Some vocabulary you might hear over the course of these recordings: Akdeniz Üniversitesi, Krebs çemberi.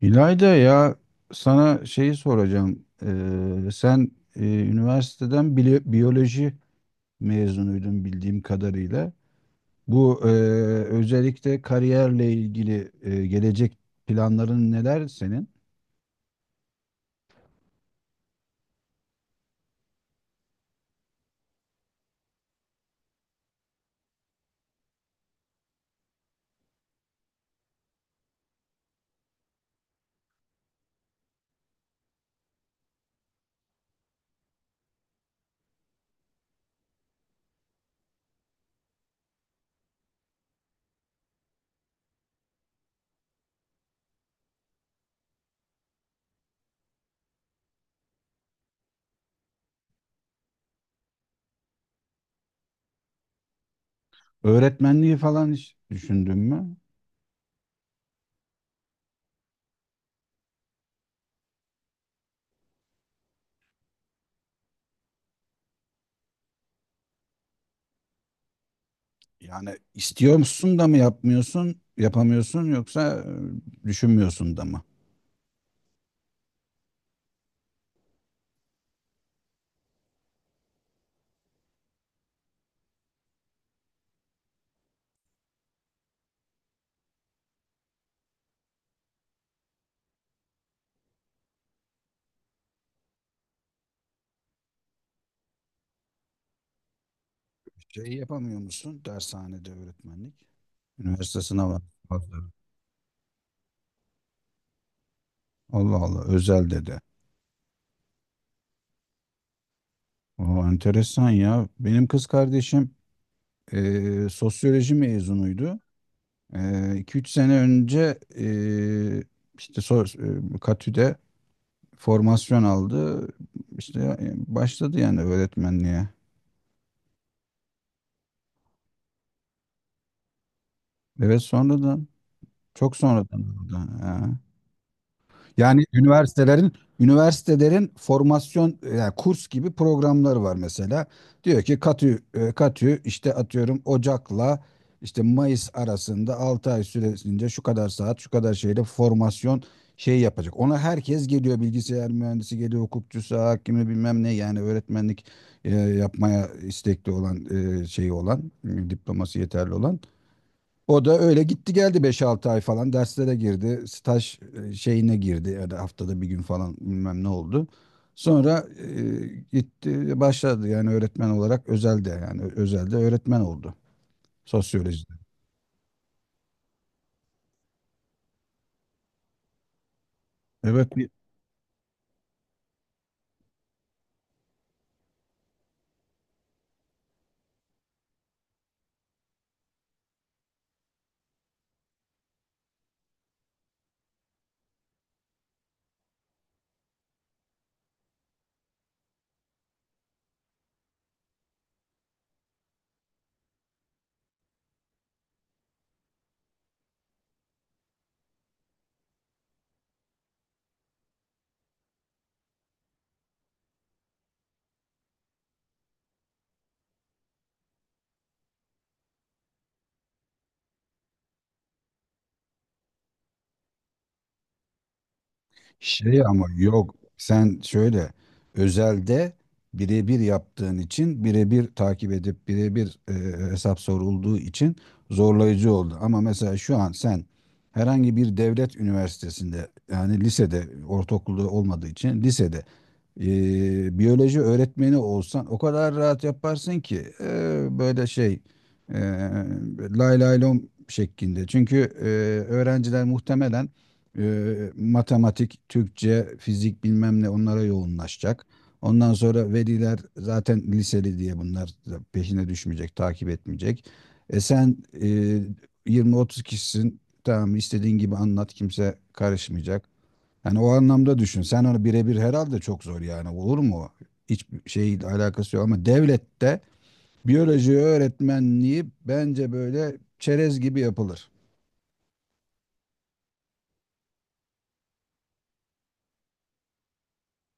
İlayda ya, sana şeyi soracağım. Sen üniversiteden biyoloji mezunuydun bildiğim kadarıyla. Bu özellikle kariyerle ilgili gelecek planların neler senin? Öğretmenliği falan hiç düşündün mü? Yani istiyor musun da mı yapmıyorsun, yapamıyorsun yoksa düşünmüyorsun da mı? Şey yapamıyor musun dershanede öğretmenlik? Üniversite sınavı. Allah Allah, özel dedi. Aa, enteresan ya. Benim kız kardeşim sosyoloji mezunuydu. 2-3 sene önce işte Katü'de formasyon aldı. İşte başladı yani öğretmenliğe. Evet, sonradan, çok sonradan oldu. Yani üniversitelerin formasyon yani kurs gibi programları var mesela. Diyor ki katü katü işte atıyorum Ocak'la işte Mayıs arasında 6 ay süresince şu kadar saat şu kadar şeyle formasyon şey yapacak. Ona herkes geliyor, bilgisayar mühendisi geliyor, hukukçusu, hakimi, bilmem ne. Yani öğretmenlik yapmaya istekli olan, şeyi olan, diploması yeterli olan. O da öyle gitti geldi, beş altı ay falan derslere girdi. Staj şeyine girdi ya da haftada bir gün falan bilmem ne oldu. Sonra gitti başladı yani öğretmen olarak özelde, yani özelde öğretmen oldu sosyolojide. Evet. Şey, ama yok, sen şöyle özelde birebir yaptığın için, birebir takip edip birebir hesap sorulduğu için zorlayıcı oldu. Ama mesela şu an sen herhangi bir devlet üniversitesinde, yani lisede, ortaokulda olmadığı için lisede biyoloji öğretmeni olsan, o kadar rahat yaparsın ki böyle şey e, lay lay lom şeklinde. Çünkü öğrenciler muhtemelen matematik, Türkçe, fizik, bilmem ne, onlara yoğunlaşacak. Ondan sonra veliler zaten liseli diye bunlar da peşine düşmeyecek, takip etmeyecek. E sen e, 20-30 kişisin. Tamam, istediğin gibi anlat, kimse karışmayacak. Yani o anlamda düşün. Sen onu birebir herhalde çok zor yani. Olur mu? Hiçbir şeyle alakası yok, ama devlette biyoloji öğretmenliği bence böyle çerez gibi yapılır.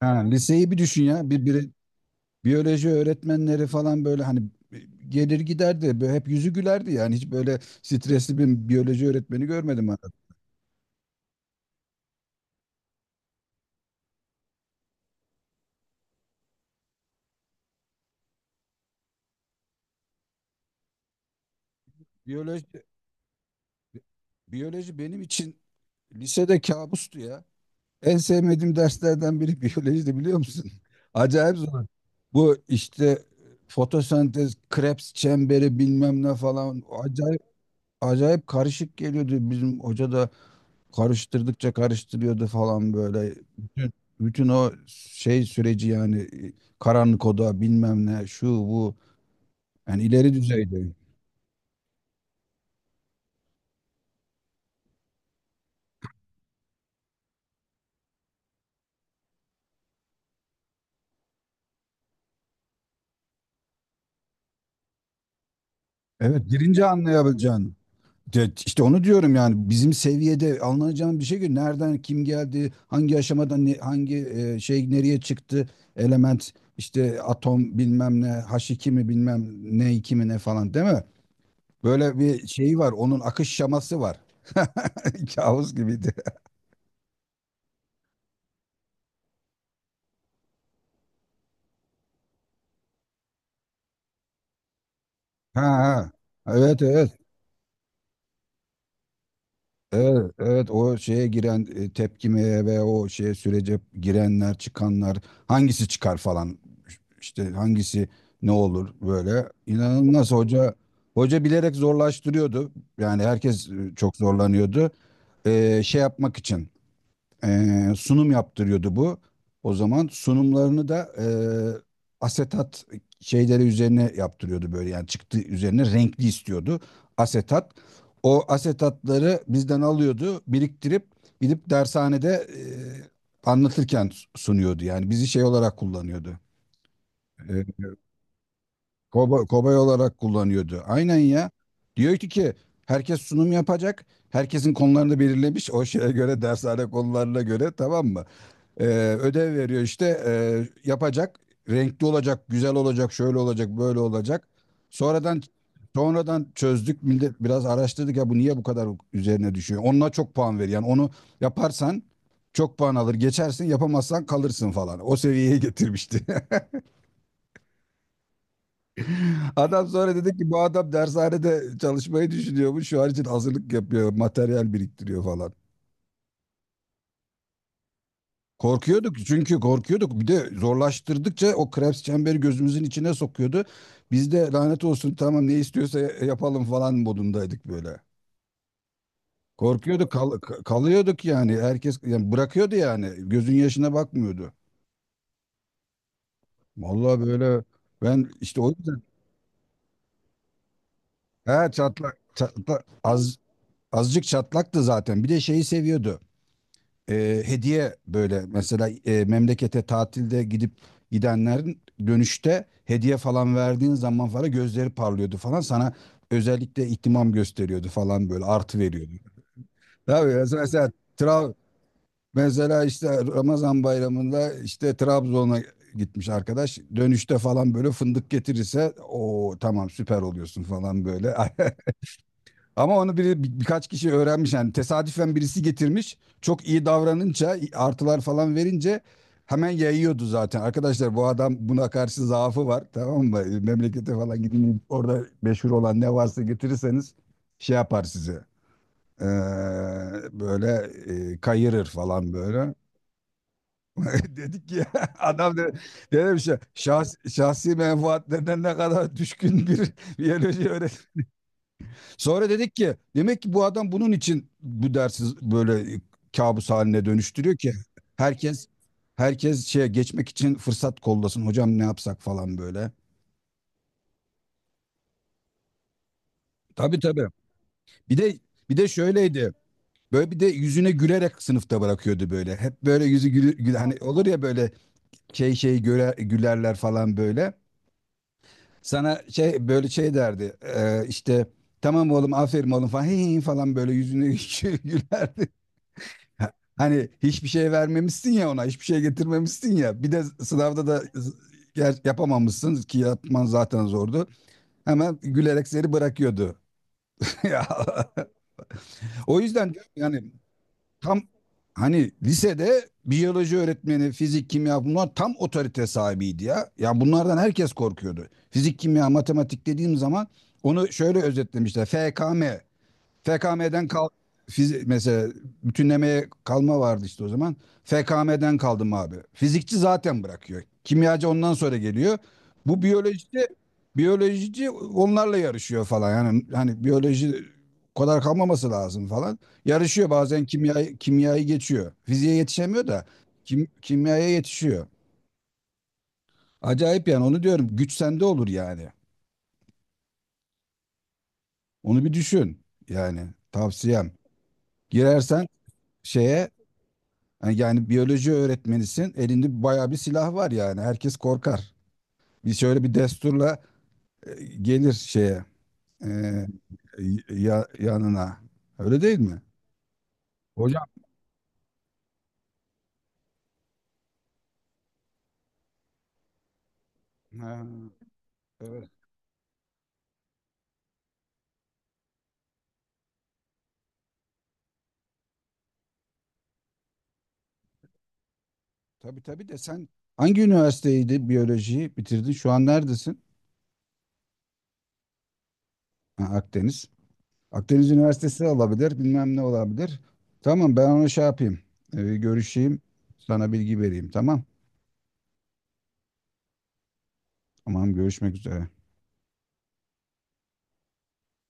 Ha, liseyi bir düşün ya. Biyoloji öğretmenleri falan böyle hani gelir giderdi. Böyle hep yüzü gülerdi yani. Hiç böyle stresli bir biyoloji öğretmeni görmedim ben. Biyoloji, biyoloji benim için lisede kabustu ya. En sevmediğim derslerden biri biyolojide biliyor musun? Acayip zor. Bu işte fotosentez, Krebs çemberi bilmem ne falan acayip acayip karışık geliyordu. Bizim hoca da karıştırdıkça karıştırıyordu falan böyle. Bütün o şey süreci yani karanlık oda bilmem ne şu bu, yani ileri düzeyde. Evet, girince anlayabileceğin. İşte onu diyorum yani, bizim seviyede alınacağın bir şey ki nereden kim geldi, hangi aşamadan hangi şey nereye çıktı, element işte, atom bilmem ne, H2 mi, bilmem ne 2 mi ne falan, değil mi? Böyle bir şey var, onun akış şaması var. Kabus gibiydi. Ha ha. Evet, evet. Evet, evet, o şeye giren tepkimeye ve o şeye sürece girenler, çıkanlar, hangisi çıkar falan, işte hangisi ne olur, böyle inanılmaz hoca bilerek zorlaştırıyordu. Yani herkes çok zorlanıyordu. Şey yapmak için sunum yaptırıyordu bu. O zaman sunumlarını da asetat şeyleri üzerine yaptırıyordu, böyle yani çıktı üzerine renkli istiyordu, asetat. O asetatları bizden alıyordu, biriktirip gidip dershanede anlatırken sunuyordu. Yani bizi şey olarak kullanıyordu. E, Kobay olarak kullanıyordu. Aynen ya. Diyor ki herkes sunum yapacak. Herkesin konularını belirlemiş, o şeye göre, dershane konularına göre, tamam mı? Ee, Ödev veriyor işte, yapacak. Renkli olacak, güzel olacak, şöyle olacak, böyle olacak. Sonradan sonradan çözdük. Millet, biraz araştırdık ya, bu niye bu kadar üzerine düşüyor. Onunla çok puan ver. Yani onu yaparsan çok puan alır. Geçersin, yapamazsan kalırsın falan. O seviyeye getirmişti. Adam sonra dedi ki, bu adam dershanede çalışmayı düşünüyormuş. Şu an için hazırlık yapıyor, materyal biriktiriyor falan. Korkuyorduk, çünkü korkuyorduk. Bir de zorlaştırdıkça o Krebs çemberi gözümüzün içine sokuyordu. Biz de lanet olsun, tamam ne istiyorsa yapalım falan modundaydık böyle. Korkuyorduk, kalıyorduk yani. Herkes yani bırakıyordu yani. Gözün yaşına bakmıyordu. Vallahi böyle ben işte o yüzden he çatlak, çatlak az azıcık çatlaktı zaten. Bir de şeyi seviyordu. Hediye, böyle mesela memlekete tatilde gidip gidenlerin dönüşte hediye falan verdiğin zaman falan gözleri parlıyordu falan, sana özellikle ihtimam gösteriyordu falan böyle, artı veriyordu. Tabii mesela Tra- mesela işte Ramazan bayramında, işte Trabzon'a gitmiş arkadaş dönüşte falan böyle fındık getirirse, o tamam, süper oluyorsun falan böyle. Ama onu birkaç kişi öğrenmiş yani, tesadüfen birisi getirmiş. Çok iyi davranınca, artılar falan verince hemen yayıyordu zaten. Arkadaşlar, bu adam buna karşı zaafı var, tamam mı? E, memlekete falan gidin, orada meşhur olan ne varsa getirirseniz şey yapar size. Ee, Böyle kayırır falan böyle. Dedik ki, adam da dedim şahsi menfaatlerine ne kadar düşkün bir biyoloji öğretmeni. Sonra dedik ki, demek ki bu adam bunun için bu dersi böyle kabus haline dönüştürüyor ki herkes herkes şeye geçmek için fırsat kollasın, hocam ne yapsak falan böyle. Tabii. Bir de bir de şöyleydi. Böyle bir de yüzüne gülerek sınıfta bırakıyordu böyle. Hep böyle yüzü gülü, hani olur ya böyle şey göre, gülerler falan böyle. Sana şey, böyle şey derdi. İşte tamam oğlum, aferin oğlum falan, "Hey, hey, hey" falan böyle yüzüne gülerdi. Hani hiçbir şey vermemişsin ya ona, hiçbir şey getirmemişsin ya. Bir de sınavda da yapamamışsın ki, yapman zaten zordu. Hemen gülerek seni bırakıyordu. Ya, o yüzden diyorum yani, tam hani lisede biyoloji öğretmeni, fizik, kimya, bunlar tam otorite sahibiydi ya. Ya bunlardan herkes korkuyordu. Fizik, kimya, matematik dediğim zaman, onu şöyle özetlemişler. FKM. FKM'den kal fizi- Mesela bütünlemeye kalma vardı işte o zaman. FKM'den kaldım abi. Fizikçi zaten bırakıyor. Kimyacı ondan sonra geliyor. Bu biyolojide biyolojici onlarla yarışıyor falan. Yani hani biyoloji o kadar kalmaması lazım falan. Yarışıyor, bazen kimya kimyayı geçiyor. Fiziğe yetişemiyor da kimyaya yetişiyor. Acayip yani, onu diyorum. Güç sende olur yani. Onu bir düşün. Yani tavsiyem. Girersen şeye, yani, yani biyoloji öğretmenisin. Elinde bayağı bir silah var yani. Herkes korkar. Bir şöyle bir desturla gelir şeye, e, ya, yanına. Öyle değil mi? Hocam. Ha, evet. Tabii de sen hangi üniversiteydi biyolojiyi bitirdin? Şu an neredesin? Ha, Akdeniz. Akdeniz Üniversitesi olabilir. Bilmem ne olabilir. Tamam, ben onu şey yapayım. Görüşeyim. Sana bilgi vereyim. Tamam. Tamam, görüşmek üzere.